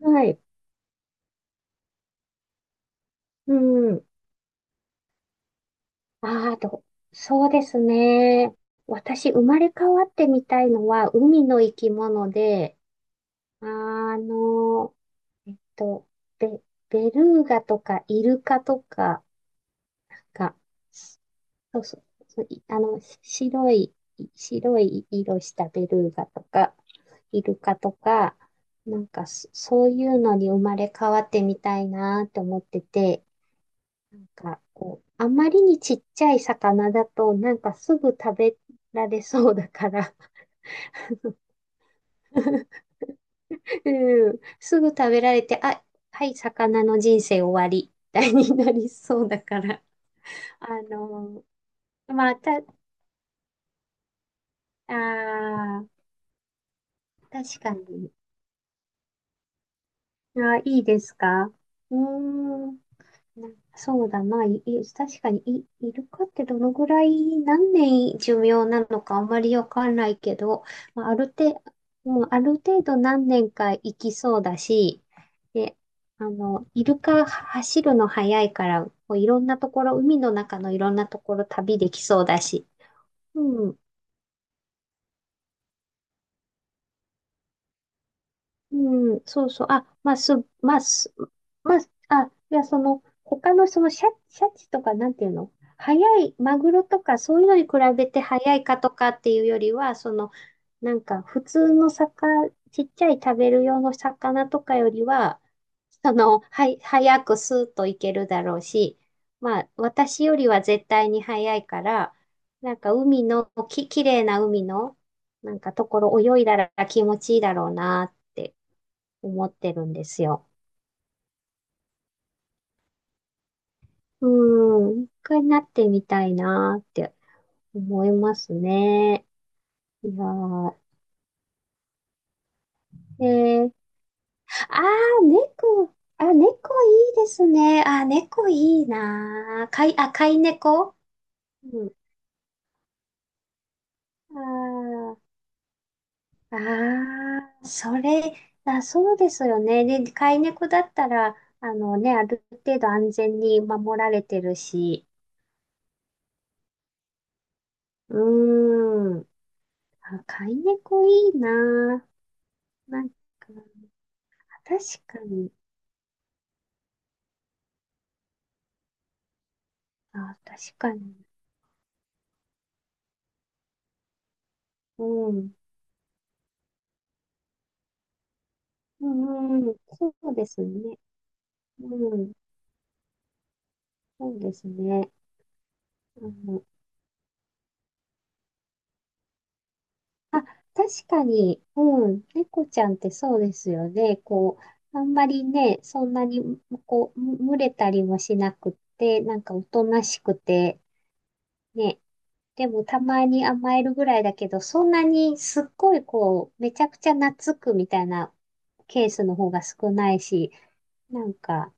はい。うん。ああ、と、そうですね。私、生まれ変わってみたいのは、海の生き物で、あの、えっと、ベ、ベルーガとかイルカとかが、そうそう、そういあの、し白い、白い色したベルーガとか、イルカとか、なんか、そういうのに生まれ変わってみたいなと思ってて、なんか、こう、あまりにちっちゃい魚だと、なんかすぐ食べられそうだから、うん、すぐ食べられて、あ、はい、魚の人生終わり、みたいになりそうだから、あのまあ、た、あー確かに。あー、いいですか？うーん。なそうだな、確かにイルカってどのぐらい、何年寿命なのかあまりわかんないけど、まあ、ある程度、もうある程度何年か生きそうだし、で、あの、イルカは走るの早いから、こういろんなところ、海の中のいろんなところ旅できそうだし、うん、うん、そうそう。あ、まあ、す、まあ、す、まあ、あ、いや、その、他のそのシャチとか、なんていうの？早い、マグロとか、そういうのに比べて早いかとかっていうよりは、その、なんか、普通の魚、ちっちゃい食べる用の魚とかよりは、その、はい、早くスーッといけるだろうし、まあ、私よりは絶対に早いから、なんか、海の、き、綺麗な海の、なんか、ところ泳いだら気持ちいいだろうなって。思ってるんですよ。うん。一回なってみたいなって思いますね。いやー。えー、あー、猫。あ、猫いいですね。あ、猫いいなー。飼い猫？うん。あー、ああそれ、あ、そうですよね。で、飼い猫だったら、あのね、ある程度安全に守られてるし。うーん。あ、飼い猫いいなー。なんか確かに。あ、確かに。うん。うん、うん、そうですね。うん、そうですね。うん、あ、確かに、うん、猫ちゃんってそうですよね。こう、あんまりね、そんなに、こう、群れたりもしなくって、なんかおとなしくて、ね。でもたまに甘えるぐらいだけど、そんなにすっごいこう、めちゃくちゃ懐くみたいなケースの方が少ないし、なんか、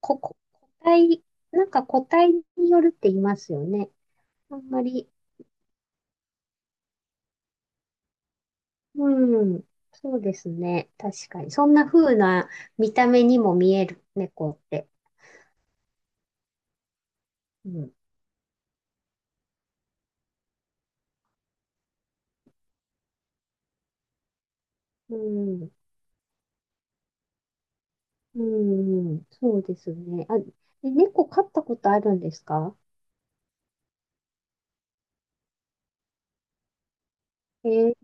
こ、こ個体、なんか個体によるって言いますよね。あんまり、うん、そうですね。確かに。そんな風な見た目にも見える、猫って。うん、うん、うん、そうですね。あ、え、猫飼ったことあるんですか？えー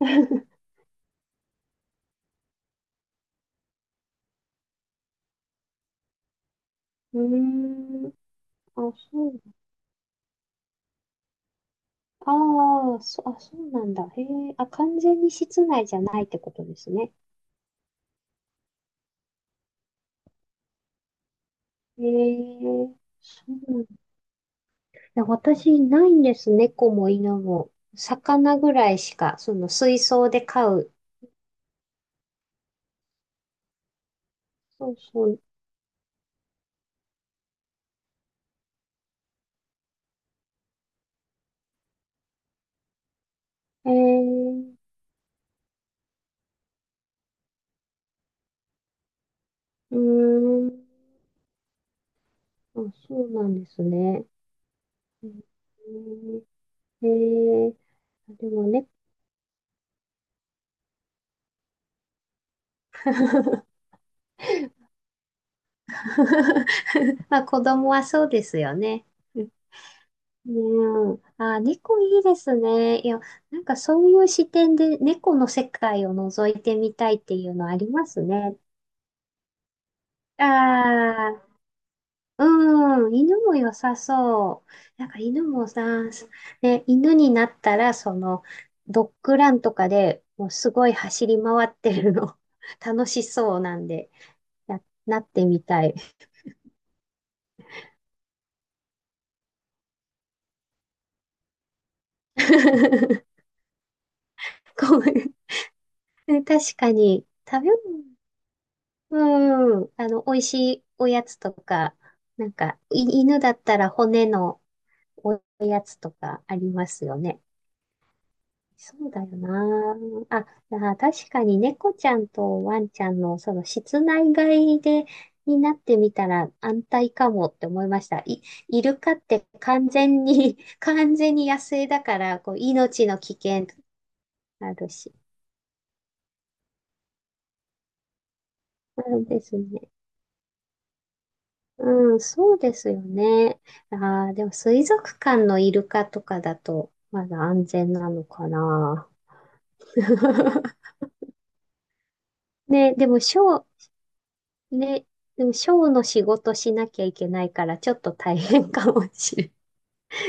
うーん、あ、そう、ああ、そ、あ、そうなんだ。へえ、あ、完全に室内じゃないってことですね。へえ、そうで私、ないんです。猫も犬も。魚ぐらいしか、その水槽で飼う。そうそう。えー、うーん。あ、そうなんですね。うん、えー、でもね。まあ、子供はそうですよね。うん。あ、猫いいですね。いや、なんかそういう視点で猫の世界を覗いてみたいっていうのありますね。ああ、うん、犬も良さそう。なんか犬もさ、ね、犬になったら、その、ドッグランとかでもうすごい走り回ってるの、楽しそうなんで、なってみたい。こういう確かに、食べ物、うん、あの、美味しいおやつとか、なんか、犬だったら骨のおやつとかありますよね。そうだよな。あ、あ、確かに猫ちゃんとワンちゃんのその室内飼いでになってみたら安泰かもって思いました。イルカって完全に 完全に野生だから、こう命の危険あるし。そうですね。うん、そうですよね。ああ、でも水族館のイルカとかだとまだ安全なのかな。ね、でもショー、ね、でも、ショーの仕事しなきゃいけないから、ちょっと大変かもしれ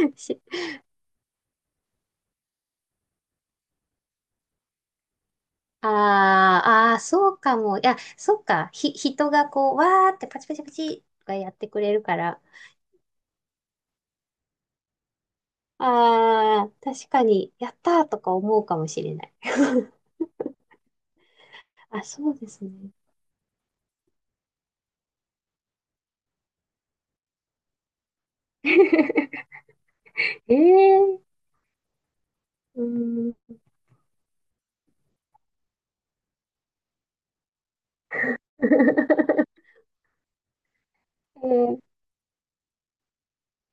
ん。しあーあー、そうかも。いや、そっか。人がこう、わーってパチパチパチとかやってくれるから、ああ、確かに、やったーとか思うかもしれない。あ、そうですね。ええ、うーうん。えー、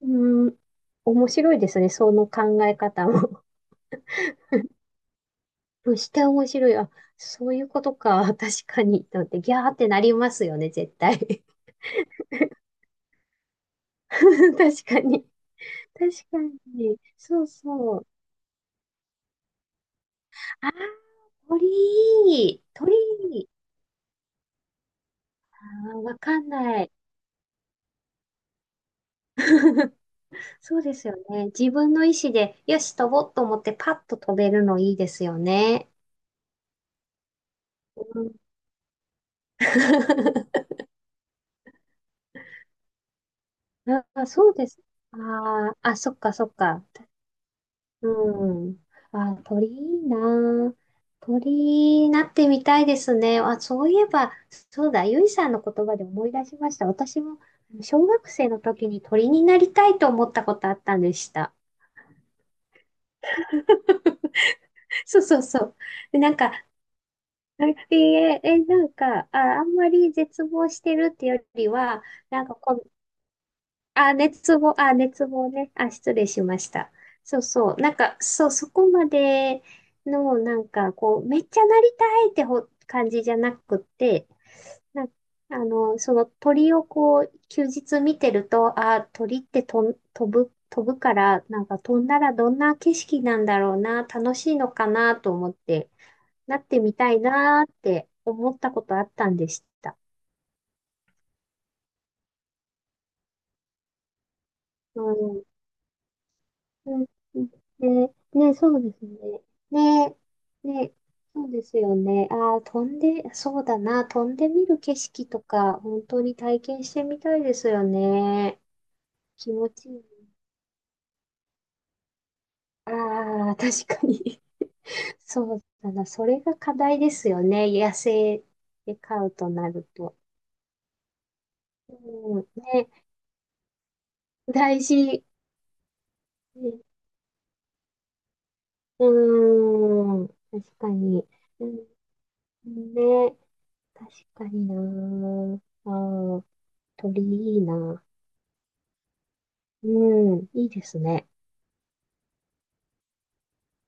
うん、面白いですね、その考え方も。そして面白い。あ、そういうことか。確かに。だって、ギャーってなりますよね、絶対。確かに。確かに。そうそう。あー、鳥。鳥。あー、わかんない。そうですよね。自分の意思で、よし、飛ぼうと思ってパッと飛べるのいいですよね。うん。 あ、そうです。あーあ、そっかそっか。うん。あ、鳥いいな。鳥になってみたいですね。あ、そういえば、そうだ、ゆいさんの言葉で思い出しました。私も小学生の時に鳥になりたいと思ったことあったんでした。そうそうそう。で、なんか、えーえなんか、あ、あんまり絶望してるってよりは、なんかこあ、熱望、あ、熱望ね。あ、失礼しました。そうそう。なんか、そう、そこまでの、なんか、こう、めっちゃなりたいって感じじゃなくって、なんあの、その鳥をこう、休日見てると、あ、鳥って飛ぶ、飛ぶから、なんか飛んだらどんな景色なんだろうな、楽しいのかなと思って、なってみたいなって思ったことあったんでした。うん、うん、ね、ね、そうですね。ね、ね、そうですよね。ああ、飛んで、そうだな、飛んでみる景色とか、本当に体験してみたいですよね。気持ちいい。ああ、確かに。そうだな、それが課題ですよね。野生で飼うとなると。うん、ね、大事。ね、うーん、確かに。うん、ね、確かにな。あー、鳥いいな。うん、いいですね。